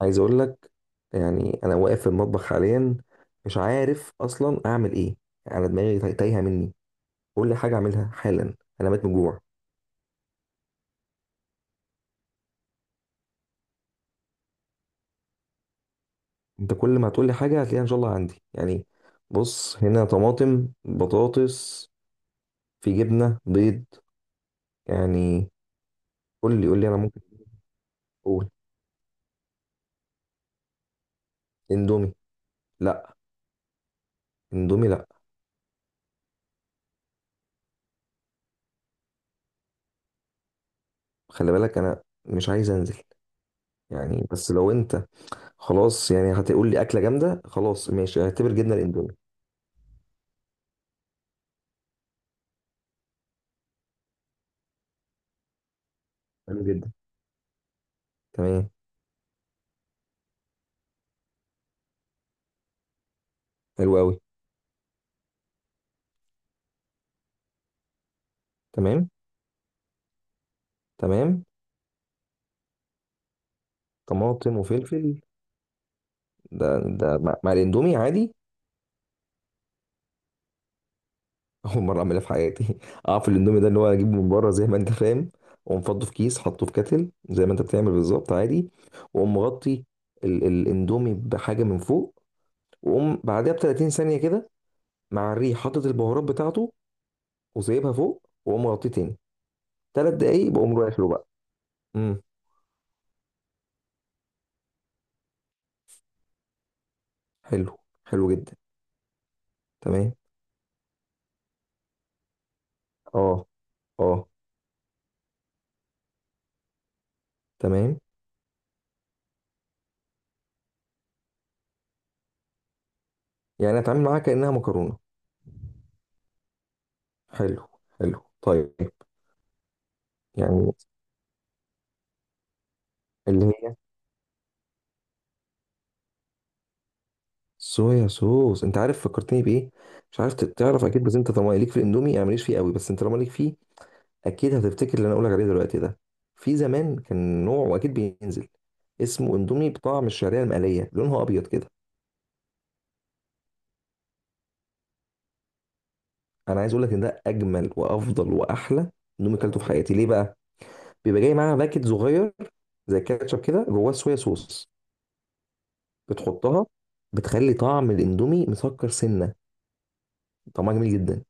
عايز اقول لك، يعني انا واقف في المطبخ حاليا. مش عارف اصلا اعمل ايه. يعني انا دماغي تايهه مني. قول لي حاجه اعملها حالا، انا ميت من الجوع. انت كل ما هتقول لي حاجه هتلاقيها ان شاء الله عندي يعني. بص، هنا طماطم، بطاطس، في جبنه، بيض، يعني. قول لي، انا ممكن اقول. اندومي؟ لا، اندومي لا. خلي بالك انا مش عايز انزل، يعني. بس لو انت خلاص يعني هتقول لي اكله جامده، خلاص ماشي، اعتبر جبنه الاندومي. حلو جدا. تمام. حلو قوي. تمام. تمام. طماطم وفلفل، ده مع الاندومي عادي؟ اول مره اعملها في حياتي. اعرف الاندومي ده اللي هو اجيبه من بره زي ما انت فاهم، واقوم فضه في كيس، حطه في كتل زي ما انت بتعمل بالظبط عادي، واقوم مغطي الاندومي بحاجه من فوق، واقوم بعدها ب 30 ثانيه كده، مع الريح حاطط البهارات بتاعته وسايبها فوق، واقوم مغطيه تاني. 3 دقايق بقوم رايح له بقى. امم حلو. حلو جدا. تمام. اه. اه. تمام. يعني اتعامل معاها كانها مكرونه؟ حلو. حلو، طيب. يعني اللي هي؟ صويا صوص؟ انت عارف فكرتني بايه؟ مش عارف تعرف اكيد، بس انت طالما ليك في الاندومي، يعني ماليش فيه قوي، بس انت طالما ليك فيه اكيد هتفتكر اللي انا اقولك عليه دلوقتي ده. في زمان كان نوع، واكيد بينزل، اسمه اندومي بطعم الشعريه المقليه، لونها ابيض كده. انا عايز اقولك ان ده اجمل وافضل واحلى اندومي كلته في حياتي. ليه بقى؟ بيبقى جاي معاها باكت صغير زي الكاتشب كده، جواه صويا صوص. بتحطها، بتخلي طعم الاندومي مسكر سنه. طعمها جميل جدا.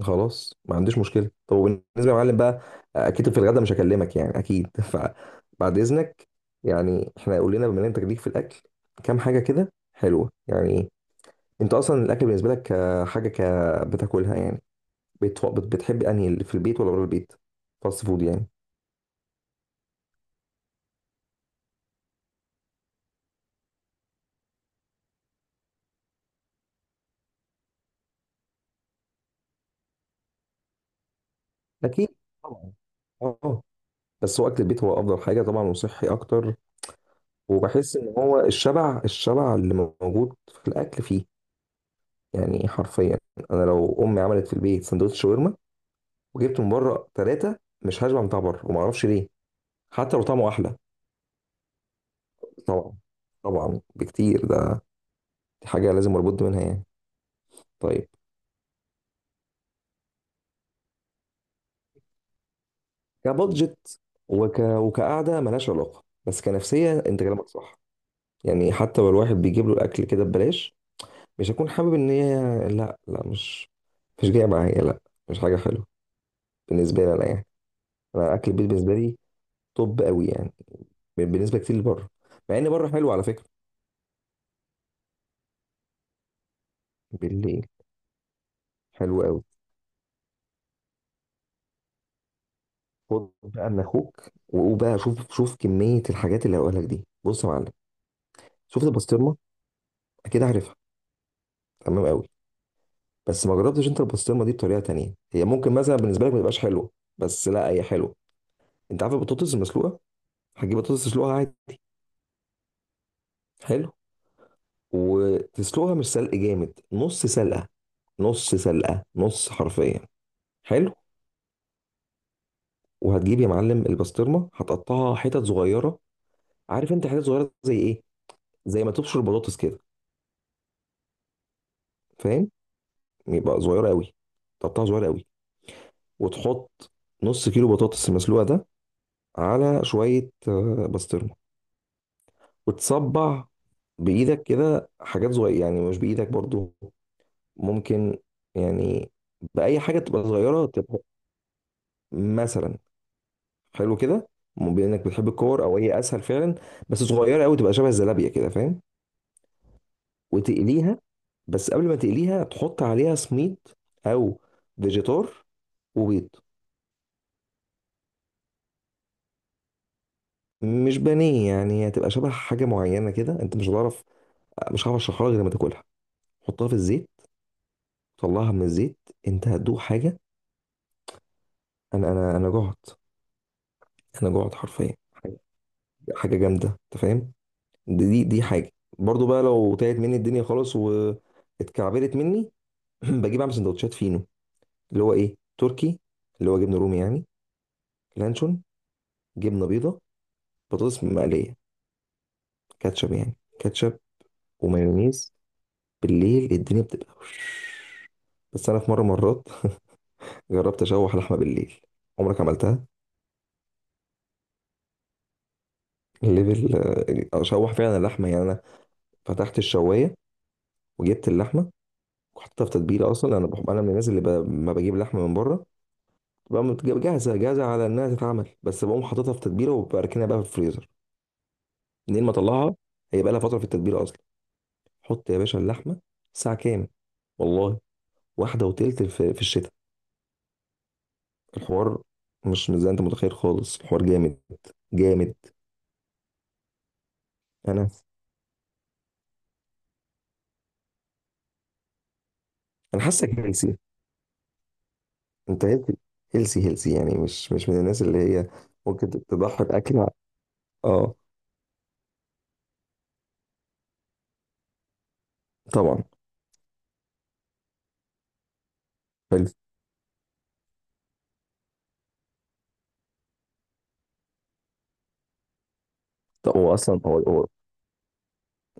خلاص، ما عنديش مشكله. طب وبالنسبه يا معلم بقى، اكيد في الغدا مش هكلمك يعني، اكيد. فبعد اذنك. يعني احنا قول لنا، بما ان انت ليك في الاكل، كام حاجه كده حلوه يعني. انت اصلا الاكل بالنسبه لك حاجه ك بتاكلها يعني؟ بتحب انهي، اللي في البيت ولا بره البيت؟ فاست فود يعني. اكيد. طبعا. اه. بس هو اكل البيت هو افضل حاجه طبعا، وصحي اكتر. وبحس ان هو الشبع، الشبع اللي موجود في الاكل فيه، يعني حرفيا. انا لو امي عملت في البيت سندوتش شاورما وجبت من بره ثلاثه، مش هشبع من بتاع بره، وما اعرفش ليه، حتى لو طعمه احلى. طبعا. طبعا بكتير ده. دي حاجه لازم اربط منها يعني. طيب، كبادجت وكقعده ملهاش علاقه، بس كنفسيه انت كلامك صح. يعني حتى لو الواحد بيجيب له الاكل كده ببلاش، مش هكون حابب ان هي، لا لا، مش جايه معايا، لا. مش حاجه حلوه بالنسبه لي انا، يعني. انا اكل البيت بالنسبه لي طب قوي، يعني بالنسبه كتير لبره، مع ان بره حلو على فكره. بالليل حلو قوي. خد بقى من اخوك وقول بقى. شوف كميه الحاجات اللي هقولها لك دي. بص يا معلم، شفت البسطرمه؟ اكيد عارفها. تمام قوي. بس ما جربتش انت البسطرمه دي بطريقه تانية، هي ممكن مثلا بالنسبه لك ما تبقاش حلوه، بس لا هي حلوه. انت عارف البطاطس المسلوقه؟ هتجيب بطاطس تسلقها عادي. حلو. وتسلقها مش سلق جامد، نص سلقه. نص سلقه نص، حرفيا. حلو. وهتجيب يا معلم البسطرمه، هتقطعها حتت صغيره. عارف انت حتت صغيره زي ايه؟ زي ما تبشر البطاطس كده، فاهم؟ يبقى صغيرة قوي، طبقها صغيرة قوي. وتحط نص كيلو بطاطس المسلوقة ده على شوية بسطرمة. وتصبع بإيدك كده حاجات صغيرة، يعني مش بإيدك برضو ممكن، يعني بأي حاجة تبقى صغيرة تبقى. مثلا، حلو كده. بما إنك بتحب الكور أو هي أسهل فعلا. بس صغيرة قوي، تبقى شبه الزلابية كده، فاهم؟ وتقليها. بس قبل ما تقليها تحط عليها سميد، أو فيجيتار، وبيض. مش بانيه يعني، هتبقى شبه حاجه معينه كده، انت مش هتعرف. مش هعرف اشرحها لك غير لما تاكلها. حطها في الزيت، طلعها من الزيت، انت هتدوق حاجه. انا جعت، انا جعت حرفيا. حاجه، حاجة جامده، انت فاهم؟ دي حاجه. برضو بقى، لو تعبت مني الدنيا خالص واتكعبلت مني، بجيب اعمل سندوتشات فينو، اللي هو ايه، تركي، اللي هو جبنه رومي يعني، لانشون، جبنه بيضه، بطاطس مقليه، كاتشب، يعني كاتشب، ومايونيز. بالليل الدنيا بتبقى وش. بس انا في مره، مرات جربت اشوح لحمه بالليل. عمرك عملتها؟ الليفل. اشوح فعلا اللحمه، يعني انا فتحت الشوايه وجبت اللحمه وحطيتها في تتبيله. اصلا انا بحب، انا من الناس اللي ما بجيب لحمه من بره بقى جاهزه جاهزه على انها تتعمل، بس بقوم حاططها في تتبيله وبركنها بقى في الفريزر. منين ما اطلعها، هي بقى لها فتره في التتبيله اصلا. حط يا باشا اللحمه ساعه كام؟ والله، واحده وتلت في, في الشتاء. الحوار مش زي انت متخيل خالص، الحوار جامد. جامد. انا انا حاسك، انت هيلثي. هيلثي يعني، مش من الناس اللي هي ممكن تضحي اه. طبعا. حلو. طب هو اصلا هو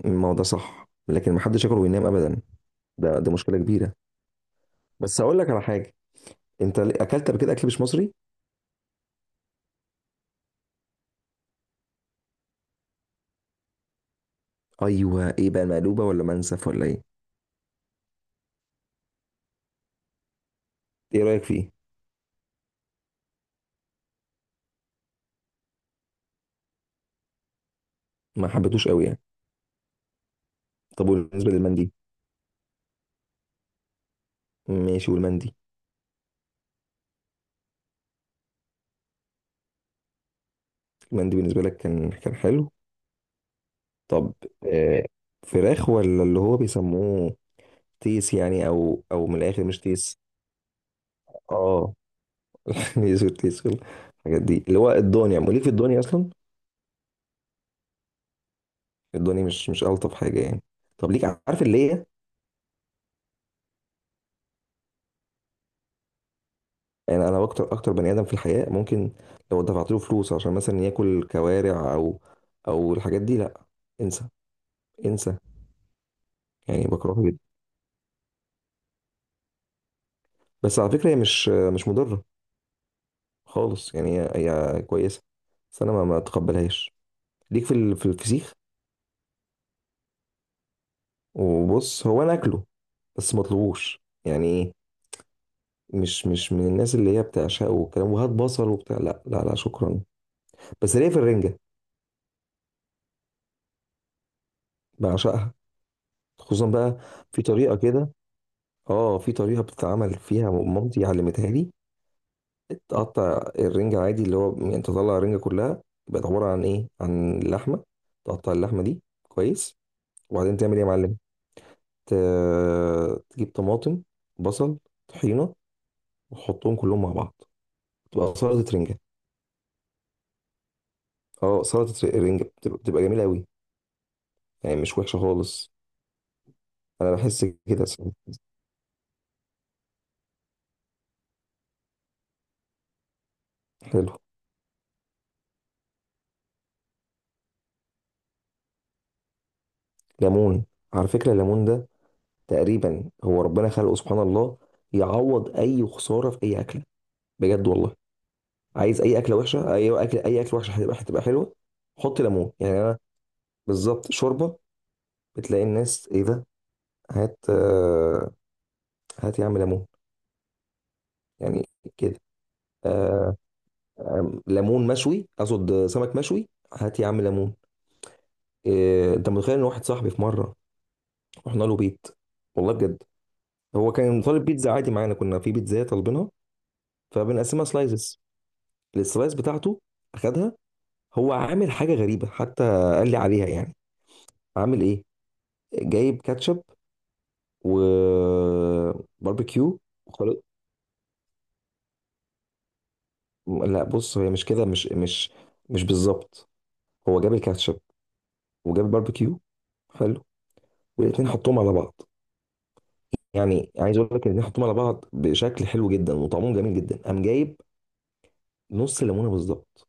الموضوع صح، لكن ما حدش ياكل وينام ابدا. ده دي مشكله كبيره. بس هقول لك على حاجه، انت اكلت قبل كده اكل مش مصري؟ ايوه، ايه بقى، مقلوبه ولا منسف ولا ايه؟ ايه رايك فيه؟ ما حبيتوش قوي يعني؟ طب وبالنسبه للمندي؟ ماشي، والمندي؟ المندي بالنسبه لك كان، كان حلو؟ طب، آه، فراخ ولا اللي هو بيسموه تيس يعني، او او من الاخر مش تيس. اه. يسود تيسول. الحاجات دي اللي هو الدنيا، وليك في الدنيا اصلا؟ الدنيا مش الطف حاجه يعني. طب ليك، عارف اللي هي؟ يعني انا اكتر اكتر بني ادم في الحياه، ممكن لو دفعت له فلوس عشان مثلا ياكل كوارع او او الحاجات دي، لا، انسى، انسى. يعني بكرهها جدا. بس على فكره هي مش مضره خالص يعني، هي هي كويسه، بس انا ما اتقبلهاش. ليك في في الفسيخ؟ وبص، هو انا اكله، بس ما اطلبوش يعني. إيه؟ مش من الناس اللي هي بتعشقه والكلام، وهات بصل وبتاع، لا لا لا، شكرا. بس ليه، في الرنجة؟ بعشقها. خصوصا بقى في طريقة كده، اه في طريقة بتتعمل فيها مامتي علمتها لي. تقطع الرنجة عادي، اللي هو يعني تطلع الرنجة كلها، يبقى عبارة عن ايه، عن اللحمة. تقطع اللحمة دي كويس، وبعدين تعمل ايه يا معلم؟ تجيب طماطم، بصل، طحينة، وتحطهم كلهم مع بعض، تبقى سلطة رنجة. اه سلطة رنجة بتبقى، بتبقى جميلة قوي، يعني مش وحشة خالص. انا بحس كده سن. حلو. ليمون، على فكره الليمون ده تقريبا هو ربنا خلقه، سبحان الله، يعوض اي خساره في اي اكله، بجد والله. عايز اي اكله وحشه، اي اكل، اي اكل وحشه، هتبقى، هتبقى حلوه. حط ليمون، يعني انا، بالظبط. شوربه، بتلاقي الناس، ايه ده، هات هات يا عم ليمون، يعني كده. آه، ليمون مشوي، اقصد سمك مشوي، هات يا عم ليمون. إيه، انت متخيل ان واحد صاحبي في مره رحنا له بيت، والله بجد، هو كان طالب بيتزا عادي معانا، كنا في بيتزا طالبينها، فبنقسمها سلايزز. السلايز بتاعته اخدها، هو عامل حاجه غريبه حتى، قال لي عليها يعني. عامل ايه؟ جايب كاتشب وباربيكيو وخلاص. لا بص، هي مش كده، مش بالظبط. هو جاب الكاتشب وجاب الباربيكيو، حلو، والاتنين حطهم على بعض. يعني عايز اقول لك، الاتنين حطهم على بعض بشكل حلو جدا وطعمهم جميل جدا. قام جايب نص ليمونه بالظبط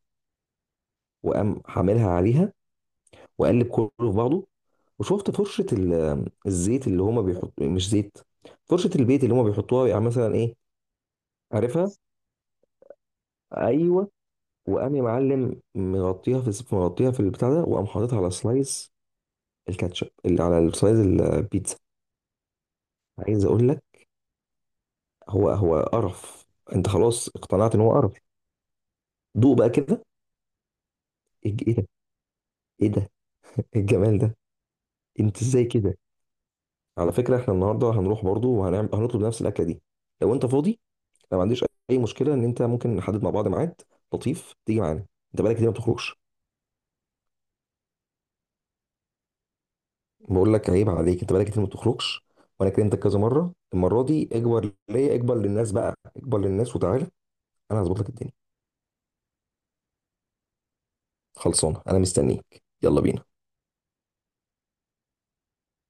وقام حاملها عليها، واقلب كله في بعضه. وشفت فرشه الزيت اللي هما بيحطوا، مش زيت، فرشه البيت اللي هما بيحطوها، يعني مثلا ايه؟ عارفها؟ ايوه. وقام يا معلم مغطيها في، مغطيها في البتاع ده، وقام حاططها على سلايز الكاتشب اللي على سلايز البيتزا. عايز اقول لك، هو قرف، انت خلاص اقتنعت ان هو قرف. دوق بقى كده. ايه، إيه ده، ايه ده، إيه الجمال ده، انت ازاي كده! على فكره احنا النهارده هنروح برضو وهنعمل، هنطلب نفس الاكله دي. لو انت فاضي، انا ما عنديش اي مشكله ان انت ممكن نحدد مع بعض ميعاد، لطيف تيجي معانا، انت بقالك كتير ما بتخرجش. بقول لك عيب عليك، انت بقالك كتير ما بتخرجش، وانا كلمتك كذا مره. المره دي اكبر ليا، اكبر للناس بقى، اكبر للناس، وتعالى انا هظبط لك الدنيا. خلصانه، انا مستنيك، يلا بينا.